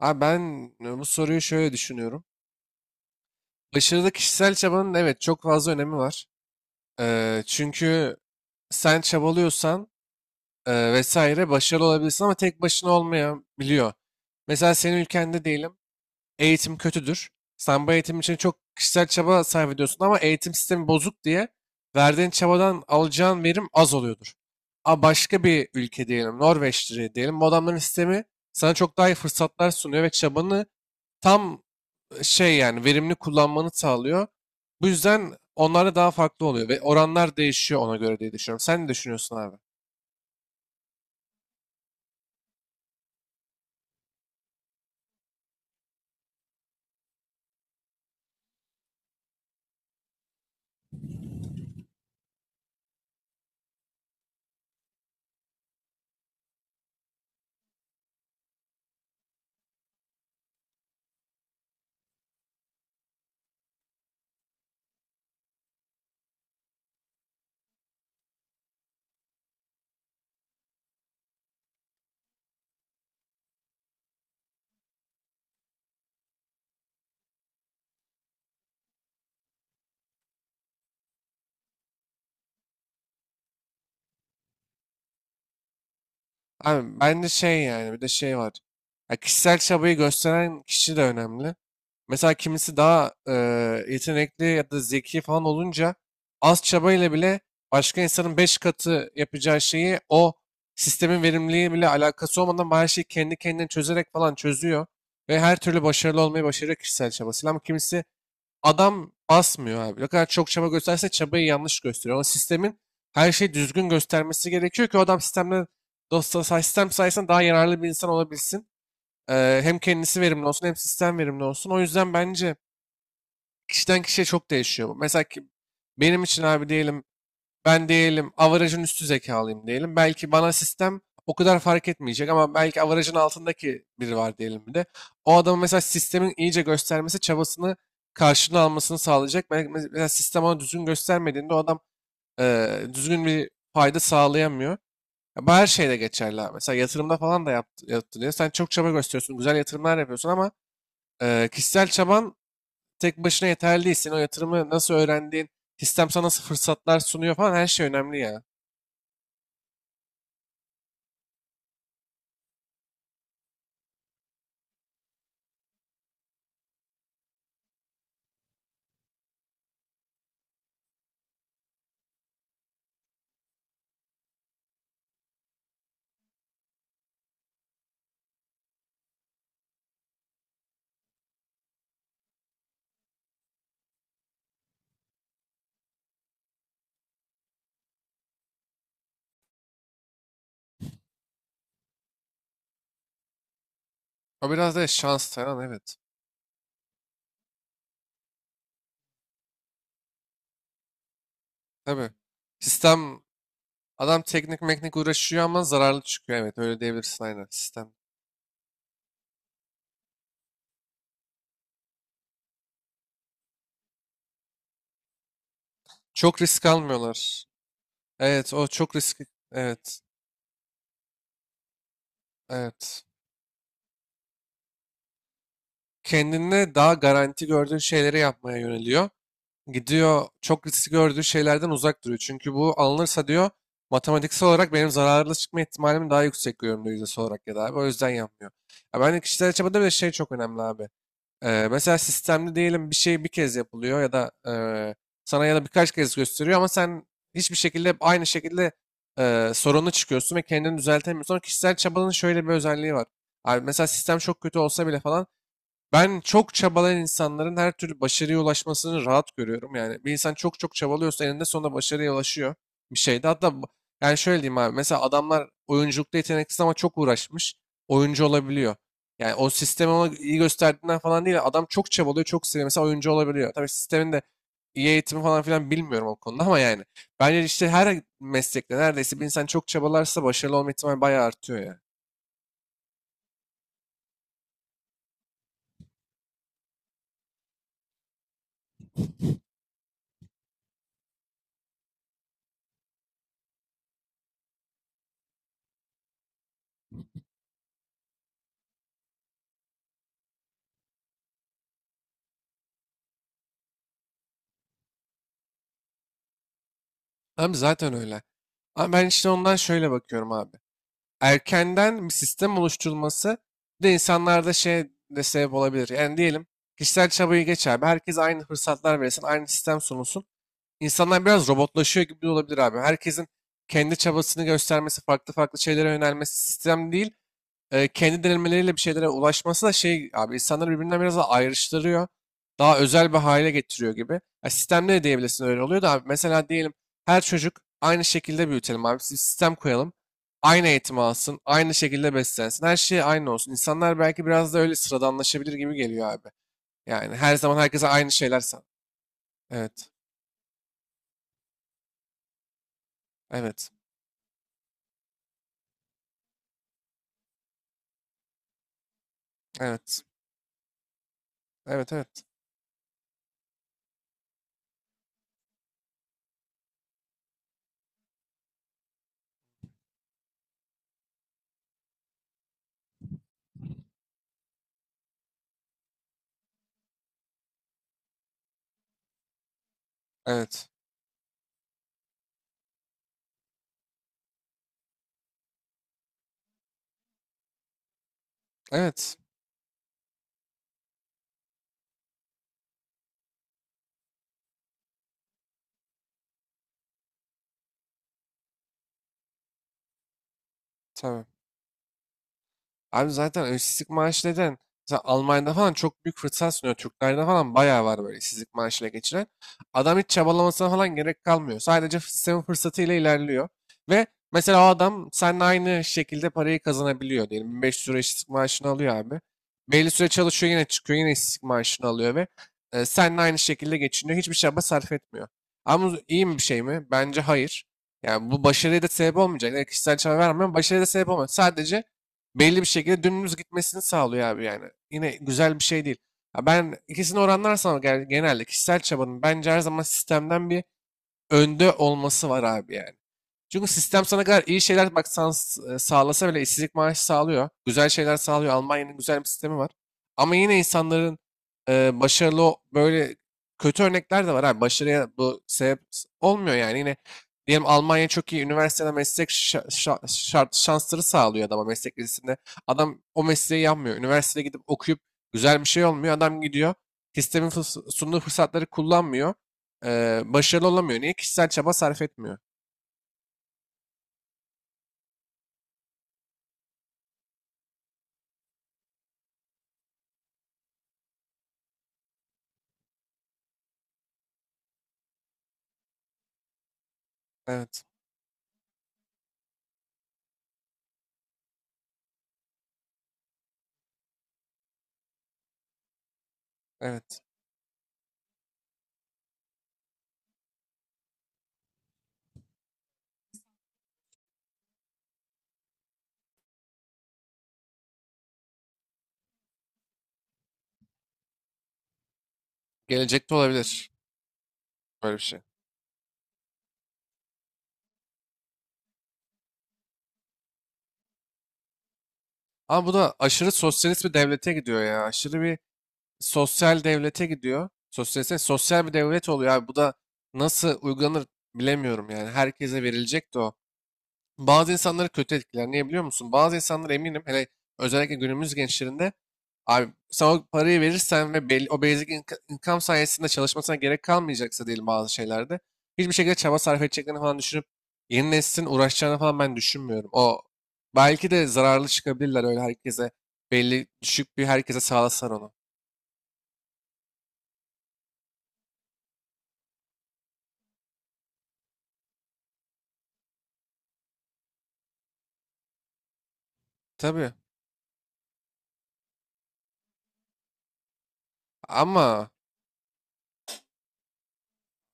Abi ben bu soruyu şöyle düşünüyorum. Başarılı kişisel çabanın evet çok fazla önemi var. Çünkü sen çabalıyorsan vesaire başarılı olabilirsin ama tek başına olmayabiliyor. Mesela senin ülkende diyelim eğitim kötüdür. Sen bu eğitim için çok kişisel çaba sarf ediyorsun ama eğitim sistemi bozuk diye verdiğin çabadan alacağın verim az oluyordur. Ama başka bir ülke diyelim Norveç'tir diyelim bu adamların sistemi sana çok daha iyi fırsatlar sunuyor ve çabanı tam şey yani verimli kullanmanı sağlıyor. Bu yüzden onlar da daha farklı oluyor ve oranlar değişiyor ona göre diye düşünüyorum. Sen ne düşünüyorsun abi? Abi ben de şey yani bir de şey var. Ya kişisel çabayı gösteren kişi de önemli. Mesela kimisi daha yetenekli ya da zeki falan olunca az çabayla bile başka insanın 5 katı yapacağı şeyi o sistemin verimliliği bile alakası olmadan her şeyi kendi kendine çözerek falan çözüyor. Ve her türlü başarılı olmayı başarıyor kişisel çabasıyla. Ama kimisi adam basmıyor abi. Ne kadar çok çaba gösterse çabayı yanlış gösteriyor. Ama sistemin her şeyi düzgün göstermesi gerekiyor ki o adam sistemde dosta sistem sayesinde daha yararlı bir insan olabilsin. Hem kendisi verimli olsun hem sistem verimli olsun. O yüzden bence kişiden kişiye çok değişiyor bu. Mesela ki, benim için abi diyelim ben diyelim average'ın üstü zekalıyım diyelim. Belki bana sistem o kadar fark etmeyecek ama belki average'ın altındaki biri var diyelim bir de. O adamın mesela sistemin iyice göstermesi çabasını karşılığını almasını sağlayacak. Belki mesela sistem ona düzgün göstermediğinde o adam düzgün bir fayda sağlayamıyor. Ya bu her şeyde geçerli abi. Mesela yatırımda falan da yaptı, yaptı diyor. Sen çok çaba gösteriyorsun, güzel yatırımlar yapıyorsun ama kişisel çaban tek başına yeterli değil. Senin o yatırımı nasıl öğrendiğin, sistem sana nasıl fırsatlar sunuyor falan her şey önemli ya. O biraz da şans falan evet. Tabii. Sistem adam teknik meknik uğraşıyor ama zararlı çıkıyor. Evet öyle diyebilirsin aynen sistem. Çok risk almıyorlar. Evet o çok risk. Evet. Evet. Kendine daha garanti gördüğü şeyleri yapmaya yöneliyor. Gidiyor çok risk gördüğü şeylerden uzak duruyor. Çünkü bu alınırsa diyor matematiksel olarak benim zararlı çıkma ihtimalimi daha yüksek görüyorum diyor yüzdesi olarak ya da abi. O yüzden yapmıyor. Ya ben de kişisel çabada bir de şey çok önemli abi. Mesela sistemli diyelim bir şey bir kez yapılıyor ya da sana ya da birkaç kez gösteriyor ama sen hiçbir şekilde hep aynı şekilde sorunu çıkıyorsun ve kendini düzeltemiyorsun. Sonra kişisel çabanın şöyle bir özelliği var. Abi mesela sistem çok kötü olsa bile falan ben çok çabalayan insanların her türlü başarıya ulaşmasını rahat görüyorum. Yani bir insan çok çok çabalıyorsa eninde sonunda başarıya ulaşıyor bir şeyde. Yani şöyle diyeyim abi. Mesela adamlar oyunculukta yeteneksiz ama çok uğraşmış. Oyuncu olabiliyor. Yani o sistemi ona iyi gösterdiğinden falan değil. Adam çok çabalıyor, çok seviyor. Mesela oyuncu olabiliyor. Tabii sistemin de iyi eğitimi falan filan bilmiyorum o konuda ama yani. Bence işte her meslekte neredeyse bir insan çok çabalarsa başarılı olma ihtimali bayağı artıyor ya. Abi zaten öyle. Ama ben işte ondan şöyle bakıyorum abi. Erkenden bir sistem oluşturulması bir de insanlarda şey de sebep olabilir. Yani diyelim kişisel çabayı geç abi. Herkes aynı fırsatlar verilsin, aynı sistem sunulsun. İnsanlar biraz robotlaşıyor gibi olabilir abi. Herkesin kendi çabasını göstermesi, farklı farklı şeylere yönelmesi sistem değil kendi denemeleriyle bir şeylere ulaşması da şey abi insanları birbirinden biraz daha ayrıştırıyor. Daha özel bir hale getiriyor gibi. Ya sistemde de diyebilirsin öyle oluyor da abi mesela diyelim her çocuk aynı şekilde büyütelim abi. Bir sistem koyalım. Aynı eğitim alsın, aynı şekilde beslensin. Her şey aynı olsun. İnsanlar belki biraz da öyle sıradanlaşabilir gibi geliyor abi. Yani her zaman herkese aynı şeyler san. Evet. Evet. Evet. Evet. Evet. Evet. Evet. Tabii. Abi zaten işsizlik maaşı neden? Mesela Almanya'da falan çok büyük fırsat sunuyor. Türklerde falan bayağı var böyle işsizlik maaşıyla geçiren. Adam hiç çabalamasına falan gerek kalmıyor. Sadece sistemin fırsatıyla ilerliyor. Ve mesela o adam seninle aynı şekilde parayı kazanabiliyor. Diyelim 1500 euro işsizlik maaşını alıyor abi. Belli süre çalışıyor yine çıkıyor yine işsizlik maaşını alıyor ve seninle aynı şekilde geçiniyor. Hiçbir çaba sarf etmiyor. Ama bu iyi mi bir şey mi? Bence hayır. Yani bu başarıya da sebep olmayacak. Yani kişisel çaba vermiyor. Ama başarıya da sebep olmaz. Sadece belli bir şekilde dümdüz gitmesini sağlıyor abi yani. Yine güzel bir şey değil. Ya ben ikisini oranlarsam genelde kişisel çabanın bence her zaman sistemden bir önde olması var abi yani. Çünkü sistem sana kadar iyi şeyler bak sağlasa bile işsizlik maaşı sağlıyor. Güzel şeyler sağlıyor. Almanya'nın güzel bir sistemi var. Ama yine insanların böyle kötü örnekler de var. Abi. Başarıya bu sebep olmuyor yani. Yine diyelim Almanya çok iyi üniversitede meslek şart, şansları sağlıyor adama meslek lisesinde. Adam o mesleği yapmıyor. Üniversiteye gidip okuyup güzel bir şey olmuyor. Adam gidiyor. Sistemin sunduğu fırsatları kullanmıyor. Başarılı olamıyor. Niye? Kişisel çaba sarf etmiyor. Evet. Evet. Gelecekte olabilir böyle bir şey. Ama bu da aşırı sosyalist bir devlete gidiyor ya. Aşırı bir sosyal devlete gidiyor. Sosyalist, sosyal bir devlet oluyor abi. Bu da nasıl uygulanır bilemiyorum yani. Herkese verilecek de o. Bazı insanları kötü etkiler. Niye biliyor musun? Bazı insanlar eminim hele özellikle günümüz gençlerinde abi sen o parayı verirsen ve belli, o income sayesinde çalışmasına gerek kalmayacaksa diyelim bazı şeylerde hiçbir şekilde çaba sarf edeceklerini falan düşünüp yeni neslin uğraşacağını falan ben düşünmüyorum. O belki de zararlı çıkabilirler öyle herkese belli düşük bir herkese sağlasan onu. Tabii ama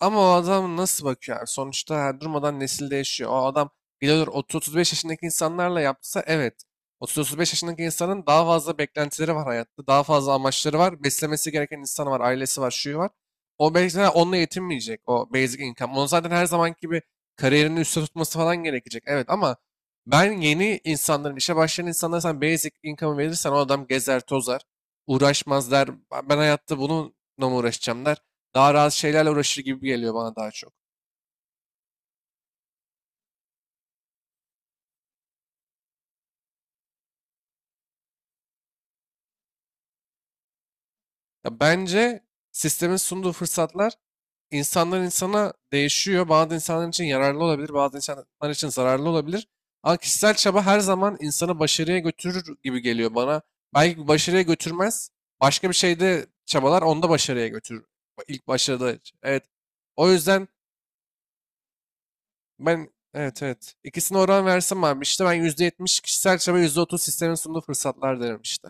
ama o adam nasıl bakıyor abi? Sonuçta her durmadan nesil değişiyor. O adam gidiyor 30-35 yaşındaki insanlarla yapsa evet. 30-35 yaşındaki insanın daha fazla beklentileri var hayatta. Daha fazla amaçları var. Beslemesi gereken insanı var. Ailesi var. Şuyu var. O belki de onunla yetinmeyecek. O basic income. Onun zaten her zamanki gibi kariyerini üstte tutması falan gerekecek. Evet ama ben yeni insanların, işe başlayan insanlara sen basic income verirsen o adam gezer tozar. Uğraşmaz der. Ben hayatta bununla mı uğraşacağım der. Daha rahat şeylerle uğraşır gibi geliyor bana daha çok. Ya bence sistemin sunduğu fırsatlar insanlar insana değişiyor. Bazı insanlar için yararlı olabilir, bazı insanlar için zararlı olabilir. Ama kişisel çaba her zaman insanı başarıya götürür gibi geliyor bana. Belki başarıya götürmez. Başka bir şeyde çabalar onda başarıya götürür. İlk başarıda. Evet. O yüzden ben evet evet. İkisine oran versem abi işte ben %70 kişisel çaba %30 sistemin sunduğu fırsatlar derim işte.